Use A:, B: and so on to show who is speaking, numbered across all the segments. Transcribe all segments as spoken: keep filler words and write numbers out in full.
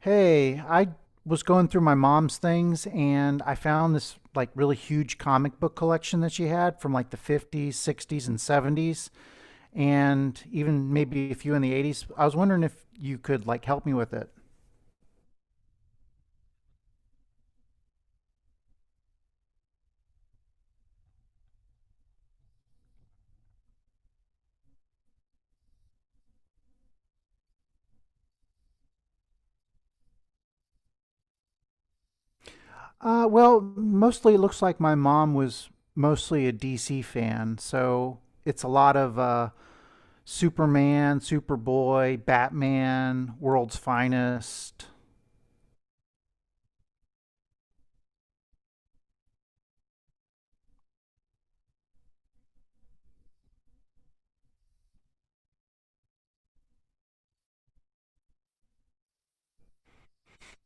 A: Hey, I was going through my mom's things and I found this like really huge comic book collection that she had from like the fifties, sixties, and seventies, and even maybe a few in the eighties. I was wondering if you could like help me with it. Uh, well, mostly it looks like my mom was mostly a D C fan, so it's a lot of uh, Superman, Superboy, Batman, World's Finest.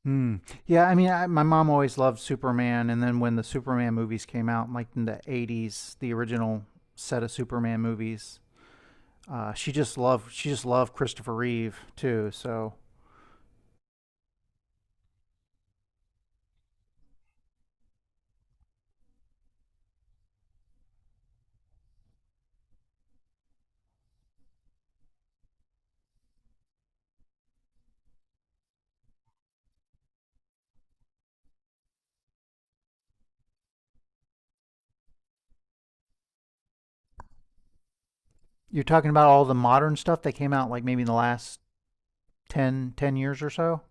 A: Hmm. Yeah, I mean, I, my mom always loved Superman, and then when the Superman movies came out, like in the eighties, the original set of Superman movies, uh, she just loved she just loved Christopher Reeve too. So you're talking about all the modern stuff that came out, like maybe in the last ten, ten years or so.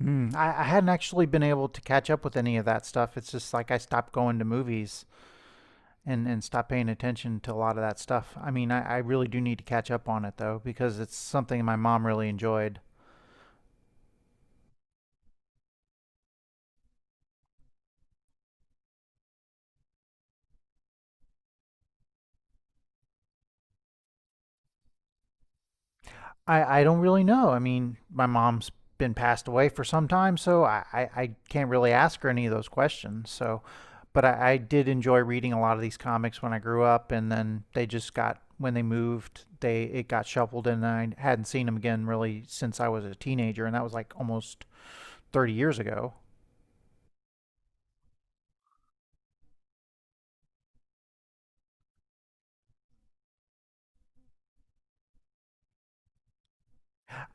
A: Hmm. I, I hadn't actually been able to catch up with any of that stuff. It's just like I stopped going to movies and and stopped paying attention to a lot of that stuff. I mean, I, I really do need to catch up on it though because it's something my mom really enjoyed. I, I don't really know. I mean, my mom's been passed away for some time, so I, I, I can't really ask her any of those questions. So, but I, I did enjoy reading a lot of these comics when I grew up, and then they just got when they moved, they it got shuffled, and I hadn't seen them again really since I was a teenager, and that was like almost thirty years ago.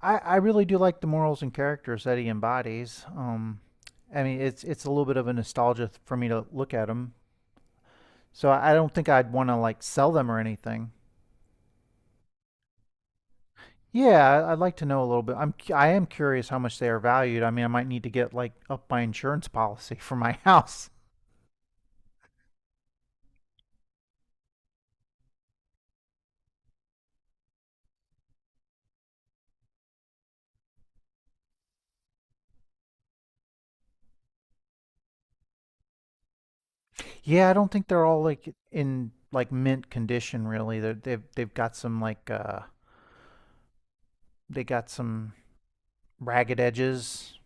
A: I, I really do like the morals and characters that he embodies. Um, I mean, it's it's a little bit of a nostalgia for me to look at them. So I I don't think I'd want to like sell them or anything. Yeah, I- I'd like to know a little bit. I'm cu- I am curious how much they are valued. I mean, I might need to get like up my insurance policy for my house. Yeah, I don't think they're all like in like mint condition really. They're, they've they've got some like uh they got some ragged edges.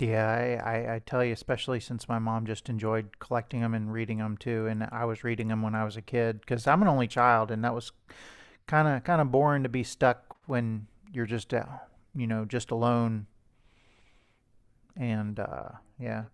A: Yeah, I, I I tell you, especially since my mom just enjoyed collecting them and reading them too, and I was reading them when I was a kid because I'm an only child, and that was kind of kind of boring to be stuck when you're just uh, you know just alone and uh, yeah.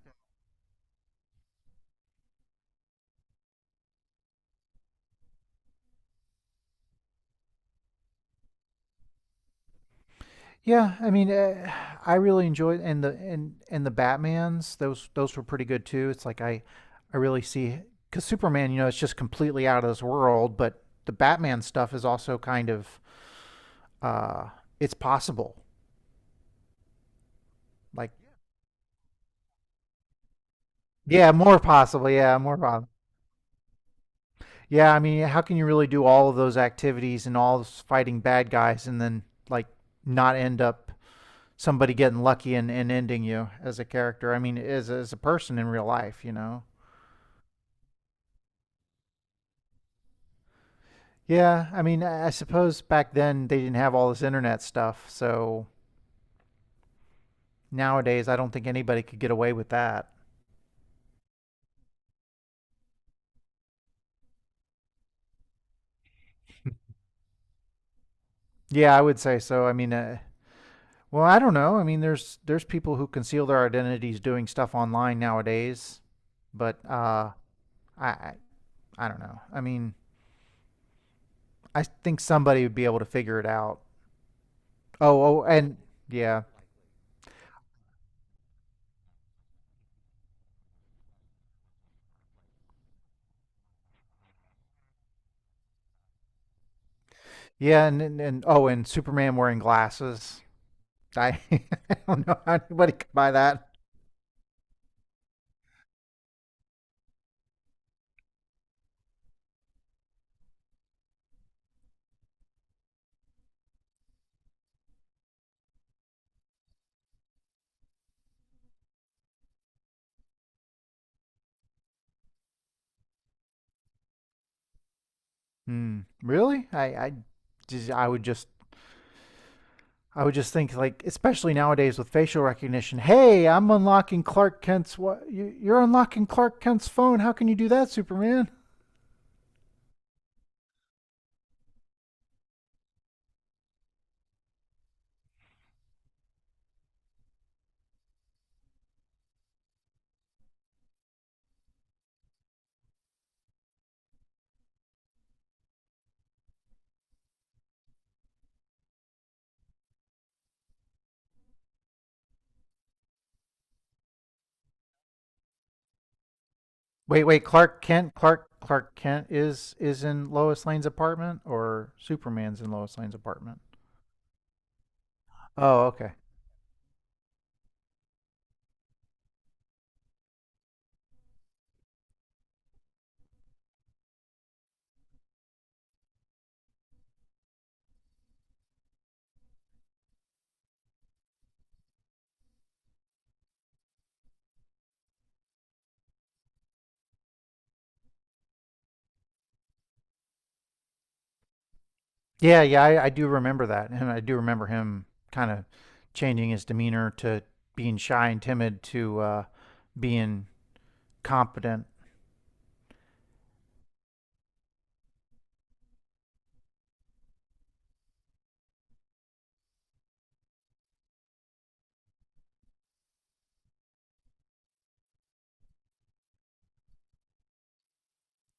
A: Yeah. I mean, uh, I really enjoyed and the and and the Batman's, those those were pretty good too. It's like I I really see because Superman, you know, it's just completely out of this world, but the Batman stuff is also kind of uh, it's possible. Like, yeah, more possible. Yeah, more possible. Yeah, I mean, how can you really do all of those activities and all this fighting bad guys and then like not end up somebody getting lucky and, and ending you as a character. I mean, as as a person in real life, you know. Yeah, I mean, I suppose back then they didn't have all this internet stuff, so nowadays I don't think anybody could get away with that. Yeah, I would say so. I mean, uh, well, I don't know. I mean, there's there's people who conceal their identities doing stuff online nowadays, but uh, I I, I don't know. I mean, I think somebody would be able to figure it out. Oh, oh, and yeah. Yeah, and, and and oh, and Superman wearing glasses. I, I don't know how anybody could buy that. Hmm. Really? I I just I would just I would just think like especially nowadays with facial recognition. Hey, I'm unlocking Clark Kent's what you, you're unlocking Clark Kent's phone. How can you do that, Superman? Wait, wait, Clark Kent, Clark Clark Kent is is in Lois Lane's apartment or Superman's in Lois Lane's apartment? Oh, okay. Yeah, yeah, I, I do remember that, and I do remember him kind of changing his demeanor to being shy and timid to uh, being competent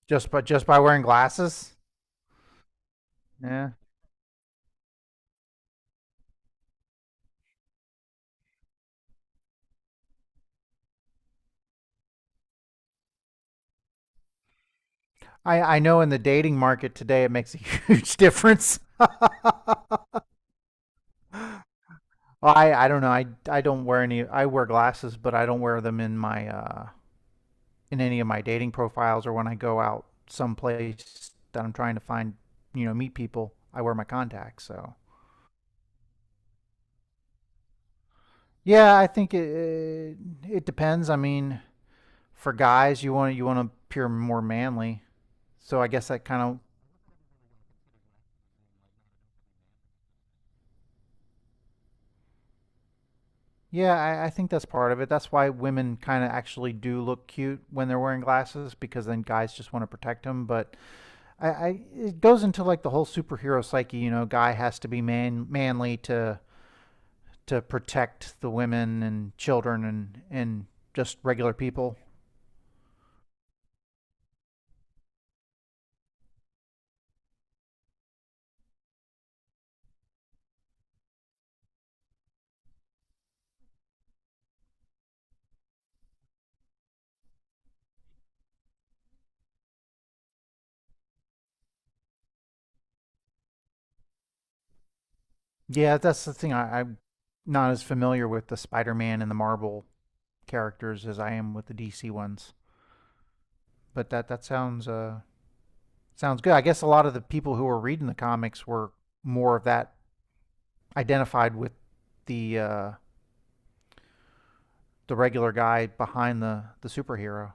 A: just by just by wearing glasses. Yeah, I I know in the dating market today it makes a huge difference. Well, I I don't know. I I don't wear any. I wear glasses, but I don't wear them in my uh, in any of my dating profiles or when I go out someplace that I'm trying to find you know meet people. I wear my contacts, so. Yeah, I think it it depends. I mean, for guys, you want you want to appear more manly. So I guess that kind of yeah, I, I think that's part of it. That's why women kind of actually do look cute when they're wearing glasses because then guys just want to protect them. But I, I it goes into like the whole superhero psyche. You know, guy has to be man manly to to protect the women and children and and just regular people. Yeah, that's the thing. I, I'm not as familiar with the Spider-Man and the Marvel characters as I am with the D C ones. But that that sounds uh sounds good. I guess a lot of the people who were reading the comics were more of that identified with the uh the regular guy behind the the superhero.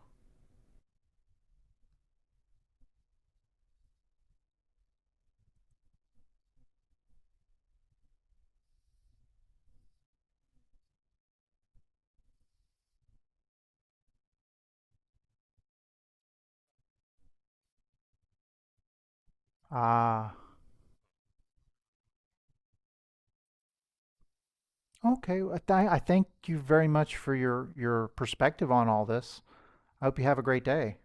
A: Ah, uh, okay. I, th- I thank you very much for your your perspective on all this. I hope you have a great day.